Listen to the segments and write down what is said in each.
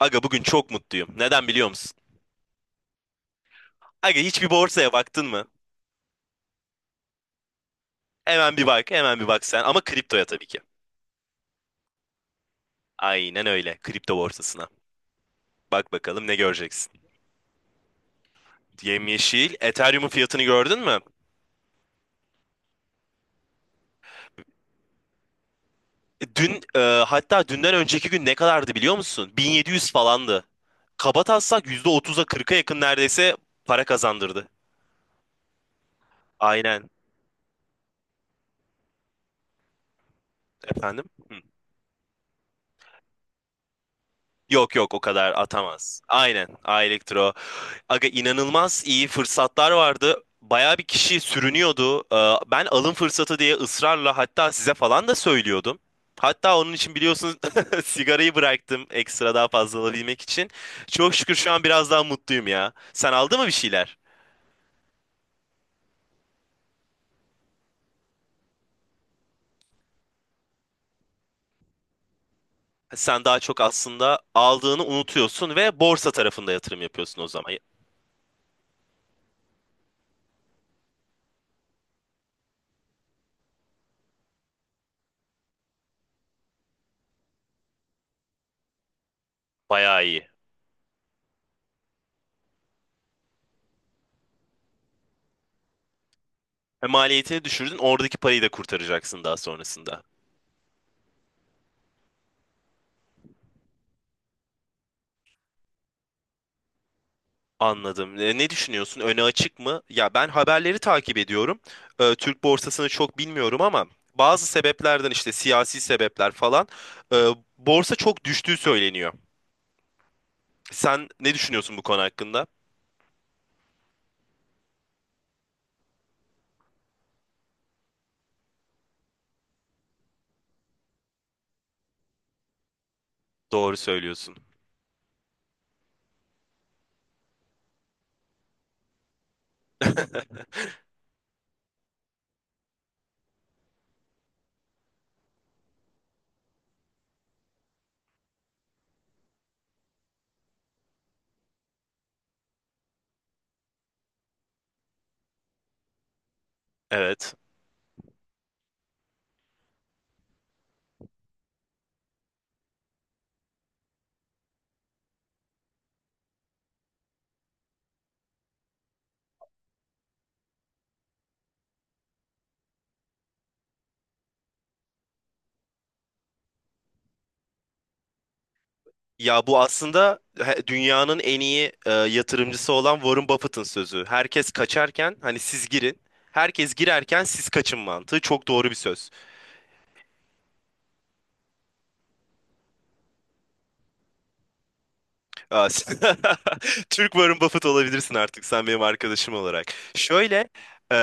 Aga bugün çok mutluyum. Neden biliyor musun? Aga hiçbir borsaya baktın mı? Hemen bir bak, hemen bir bak sen. Ama kriptoya tabii ki. Aynen öyle. Kripto borsasına. Bak bakalım ne göreceksin. Yemyeşil. Ethereum'un fiyatını gördün mü? E, Dün, e, Hatta dünden önceki gün ne kadardı biliyor musun? 1700 falandı. Kabataslak %30'a 40'a yakın neredeyse para kazandırdı. Aynen. Efendim? Yok yok o kadar atamaz. Aynen. Elektro. Aga inanılmaz iyi fırsatlar vardı. Baya bir kişi sürünüyordu. Ben alın fırsatı diye ısrarla hatta size falan da söylüyordum. Hatta onun için biliyorsunuz sigarayı bıraktım ekstra daha fazla alabilmek için. Çok şükür şu an biraz daha mutluyum ya. Sen aldı mı bir şeyler? Sen daha çok aslında aldığını unutuyorsun ve borsa tarafında yatırım yapıyorsun o zaman. Bayağı iyi. Ve maliyetini düşürdün, oradaki parayı da kurtaracaksın daha sonrasında. Anladım. Ne düşünüyorsun? Öne açık mı? Ya ben haberleri takip ediyorum. Türk borsasını çok bilmiyorum ama bazı sebeplerden işte siyasi sebepler falan e, borsa çok düştüğü söyleniyor. Sen ne düşünüyorsun bu konu hakkında? Doğru söylüyorsun. Evet. Ya bu aslında dünyanın en iyi yatırımcısı olan Warren Buffett'ın sözü. Herkes kaçarken hani siz girin. Herkes girerken siz kaçın mantığı çok doğru bir söz. Aa, Türk Warren Buffett olabilirsin artık sen benim arkadaşım olarak. Şöyle e,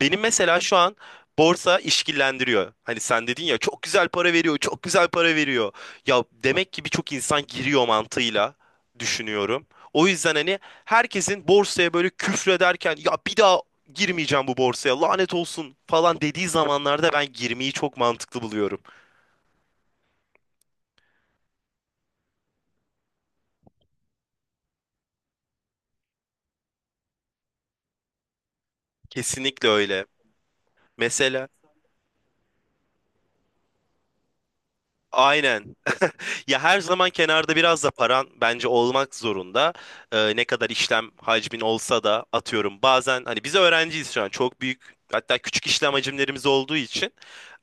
benim mesela şu an borsa işkillendiriyor. Hani sen dedin ya çok güzel para veriyor, çok güzel para veriyor. Ya demek ki birçok insan giriyor mantığıyla düşünüyorum. O yüzden hani herkesin borsaya böyle küfrederken ya bir daha girmeyeceğim bu borsaya lanet olsun falan dediği zamanlarda ben girmeyi çok mantıklı buluyorum. Kesinlikle öyle. Mesela aynen. Ya her zaman kenarda biraz da paran bence olmak zorunda. Ne kadar işlem hacmin olsa da atıyorum bazen hani biz öğrenciyiz şu an çok büyük hatta küçük işlem hacimlerimiz olduğu için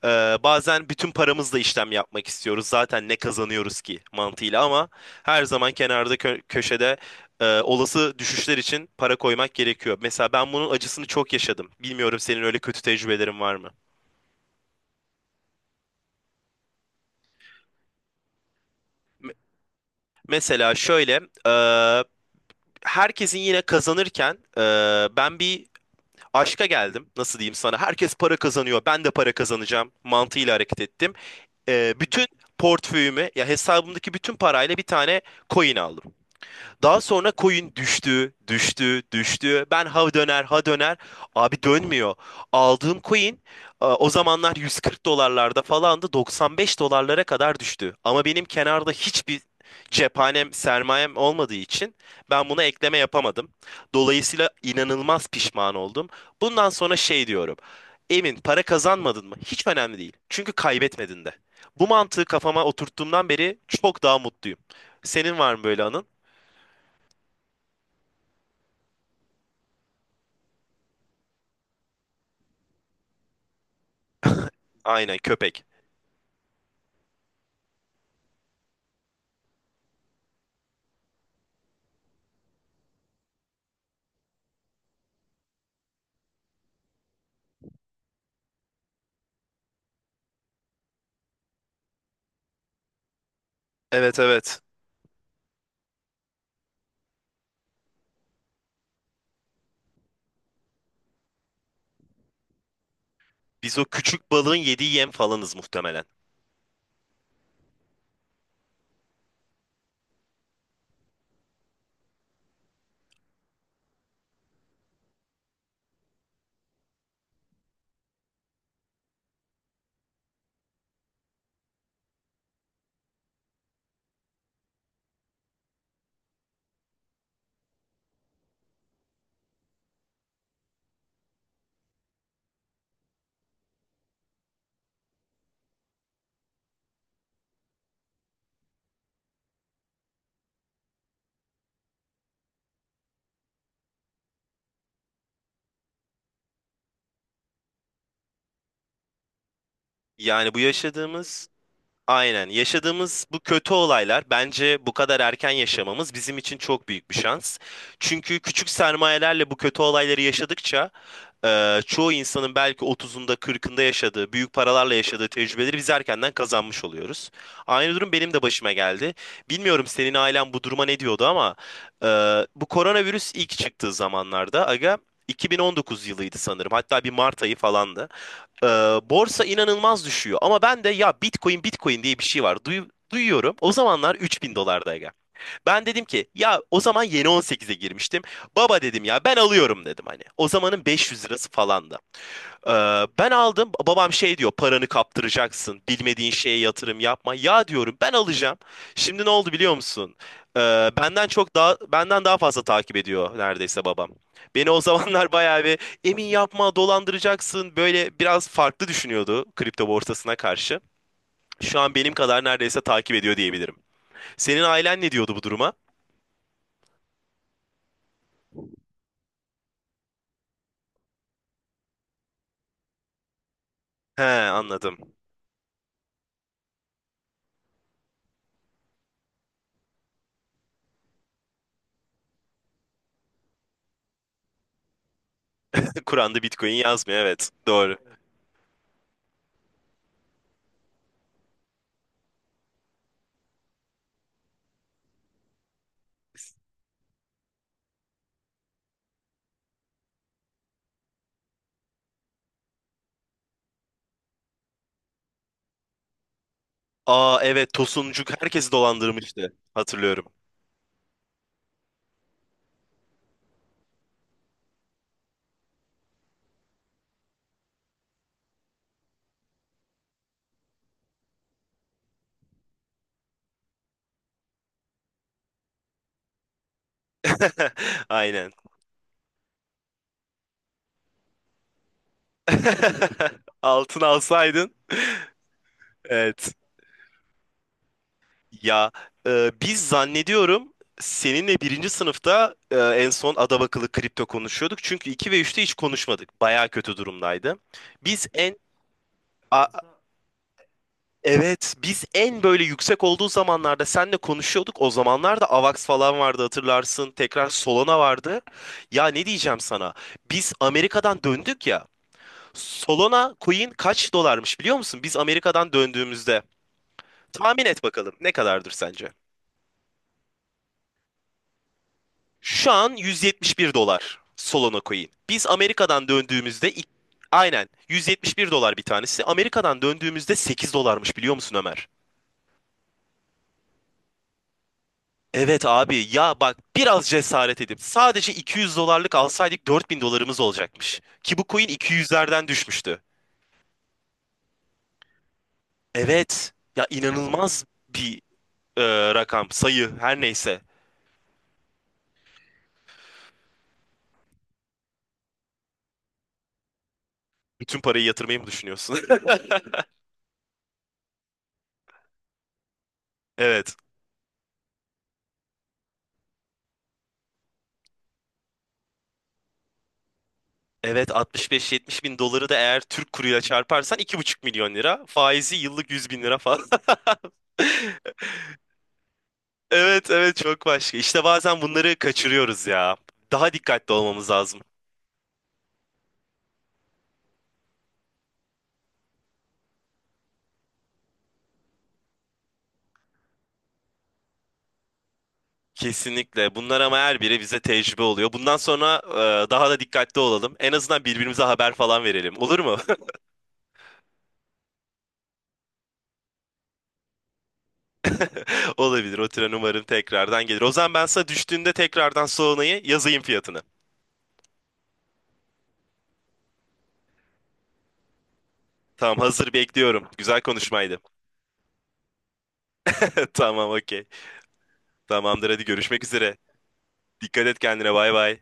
e, bazen bütün paramızla işlem yapmak istiyoruz. Zaten ne kazanıyoruz ki mantığıyla ama her zaman kenarda köşede olası düşüşler için para koymak gerekiyor. Mesela ben bunun acısını çok yaşadım. Bilmiyorum senin öyle kötü tecrübelerin var mı? Me- Mesela şöyle, e, herkesin yine kazanırken ben bir aşka geldim. Nasıl diyeyim sana? Herkes para kazanıyor. Ben de para kazanacağım mantığıyla hareket ettim. Bütün portföyümü ya hesabımdaki bütün parayla bir tane coin aldım. Daha sonra coin düştü, düştü, düştü. Ben ha döner, ha döner. Abi dönmüyor. Aldığım coin o zamanlar 140 dolarlarda falandı. 95 dolarlara kadar düştü. Ama benim kenarda hiçbir cephanem, sermayem olmadığı için ben buna ekleme yapamadım. Dolayısıyla inanılmaz pişman oldum. Bundan sonra şey diyorum. Emin para kazanmadın mı? Hiç önemli değil. Çünkü kaybetmedin de. Bu mantığı kafama oturttuğumdan beri çok daha mutluyum. Senin var mı böyle anın? Aynen köpek. Evet, evet. Biz o küçük balığın yediği yem falanız muhtemelen. Yani bu yaşadığımız Aynen. Yaşadığımız bu kötü olaylar bence bu kadar erken yaşamamız bizim için çok büyük bir şans. Çünkü küçük sermayelerle bu kötü olayları yaşadıkça çoğu insanın belki otuzunda kırkında yaşadığı, büyük paralarla yaşadığı tecrübeleri biz erkenden kazanmış oluyoruz. Aynı durum benim de başıma geldi. Bilmiyorum senin ailen bu duruma ne diyordu ama e, bu koronavirüs ilk çıktığı zamanlarda aga 2019 yılıydı sanırım. Hatta bir Mart ayı falandı. Ee, borsa inanılmaz düşüyor. Ama ben de ya Bitcoin Bitcoin diye bir şey var. Duyuyorum. O zamanlar 3000 dolardayken. Ben dedim ki ya o zaman yeni 18'e girmiştim. Baba dedim ya ben alıyorum dedim hani. O zamanın 500 lirası falandı. Ee, ben aldım. Babam şey diyor, paranı kaptıracaksın. Bilmediğin şeye yatırım yapma. Ya diyorum, ben alacağım. Şimdi ne oldu biliyor musun? Benden daha fazla takip ediyor neredeyse babam. Beni o zamanlar bayağı bir emin yapma, dolandıracaksın. Böyle biraz farklı düşünüyordu kripto borsasına karşı. Şu an benim kadar neredeyse takip ediyor diyebilirim. Senin ailen ne diyordu bu duruma? He, anladım. Kur'an'da Bitcoin yazmıyor, evet. Doğru. Aa, evet, Tosuncuk herkesi dolandırmıştı. Hatırlıyorum. Aynen. Altın alsaydın. Evet. Ya biz zannediyorum seninle birinci sınıfta en son adabakılı kripto konuşuyorduk. Çünkü 2 ve üçte hiç konuşmadık. Baya kötü durumdaydı. Biz en a- evet, biz en böyle yüksek olduğu zamanlarda seninle konuşuyorduk. O zamanlarda Avax falan vardı hatırlarsın. Tekrar Solana vardı. Ya ne diyeceğim sana? Biz Amerika'dan döndük ya. Solana coin kaç dolarmış biliyor musun? Biz Amerika'dan döndüğümüzde. Tahmin et bakalım ne kadardır sence? Şu an 171 dolar Solana coin. Biz Amerika'dan döndüğümüzde aynen 171 dolar bir tanesi. Amerika'dan döndüğümüzde 8 dolarmış biliyor musun Ömer? Evet abi ya bak biraz cesaret edip sadece 200 dolarlık alsaydık 4000 dolarımız olacakmış. Ki bu coin 200'lerden düşmüştü. Evet ya inanılmaz bir rakam sayı her neyse. Bütün parayı yatırmayı mı düşünüyorsun? Evet. Evet 65-70 bin doları da eğer Türk kuruyla çarparsan 2,5 milyon lira. Faizi yıllık 100 bin lira falan. Evet, evet, çok başka. İşte bazen bunları kaçırıyoruz ya. Daha dikkatli olmamız lazım. Kesinlikle. Bunlar ama her biri bize tecrübe oluyor. Bundan sonra daha da dikkatli olalım. En azından birbirimize haber falan verelim. Olur mu? Olabilir. O tren umarım tekrardan gelir. O zaman ben sana düştüğünde tekrardan sonrayı yazayım fiyatını. Tamam hazır bekliyorum. Güzel konuşmaydı. Tamam okey. Tamamdır hadi görüşmek üzere. Dikkat et kendine bay bay.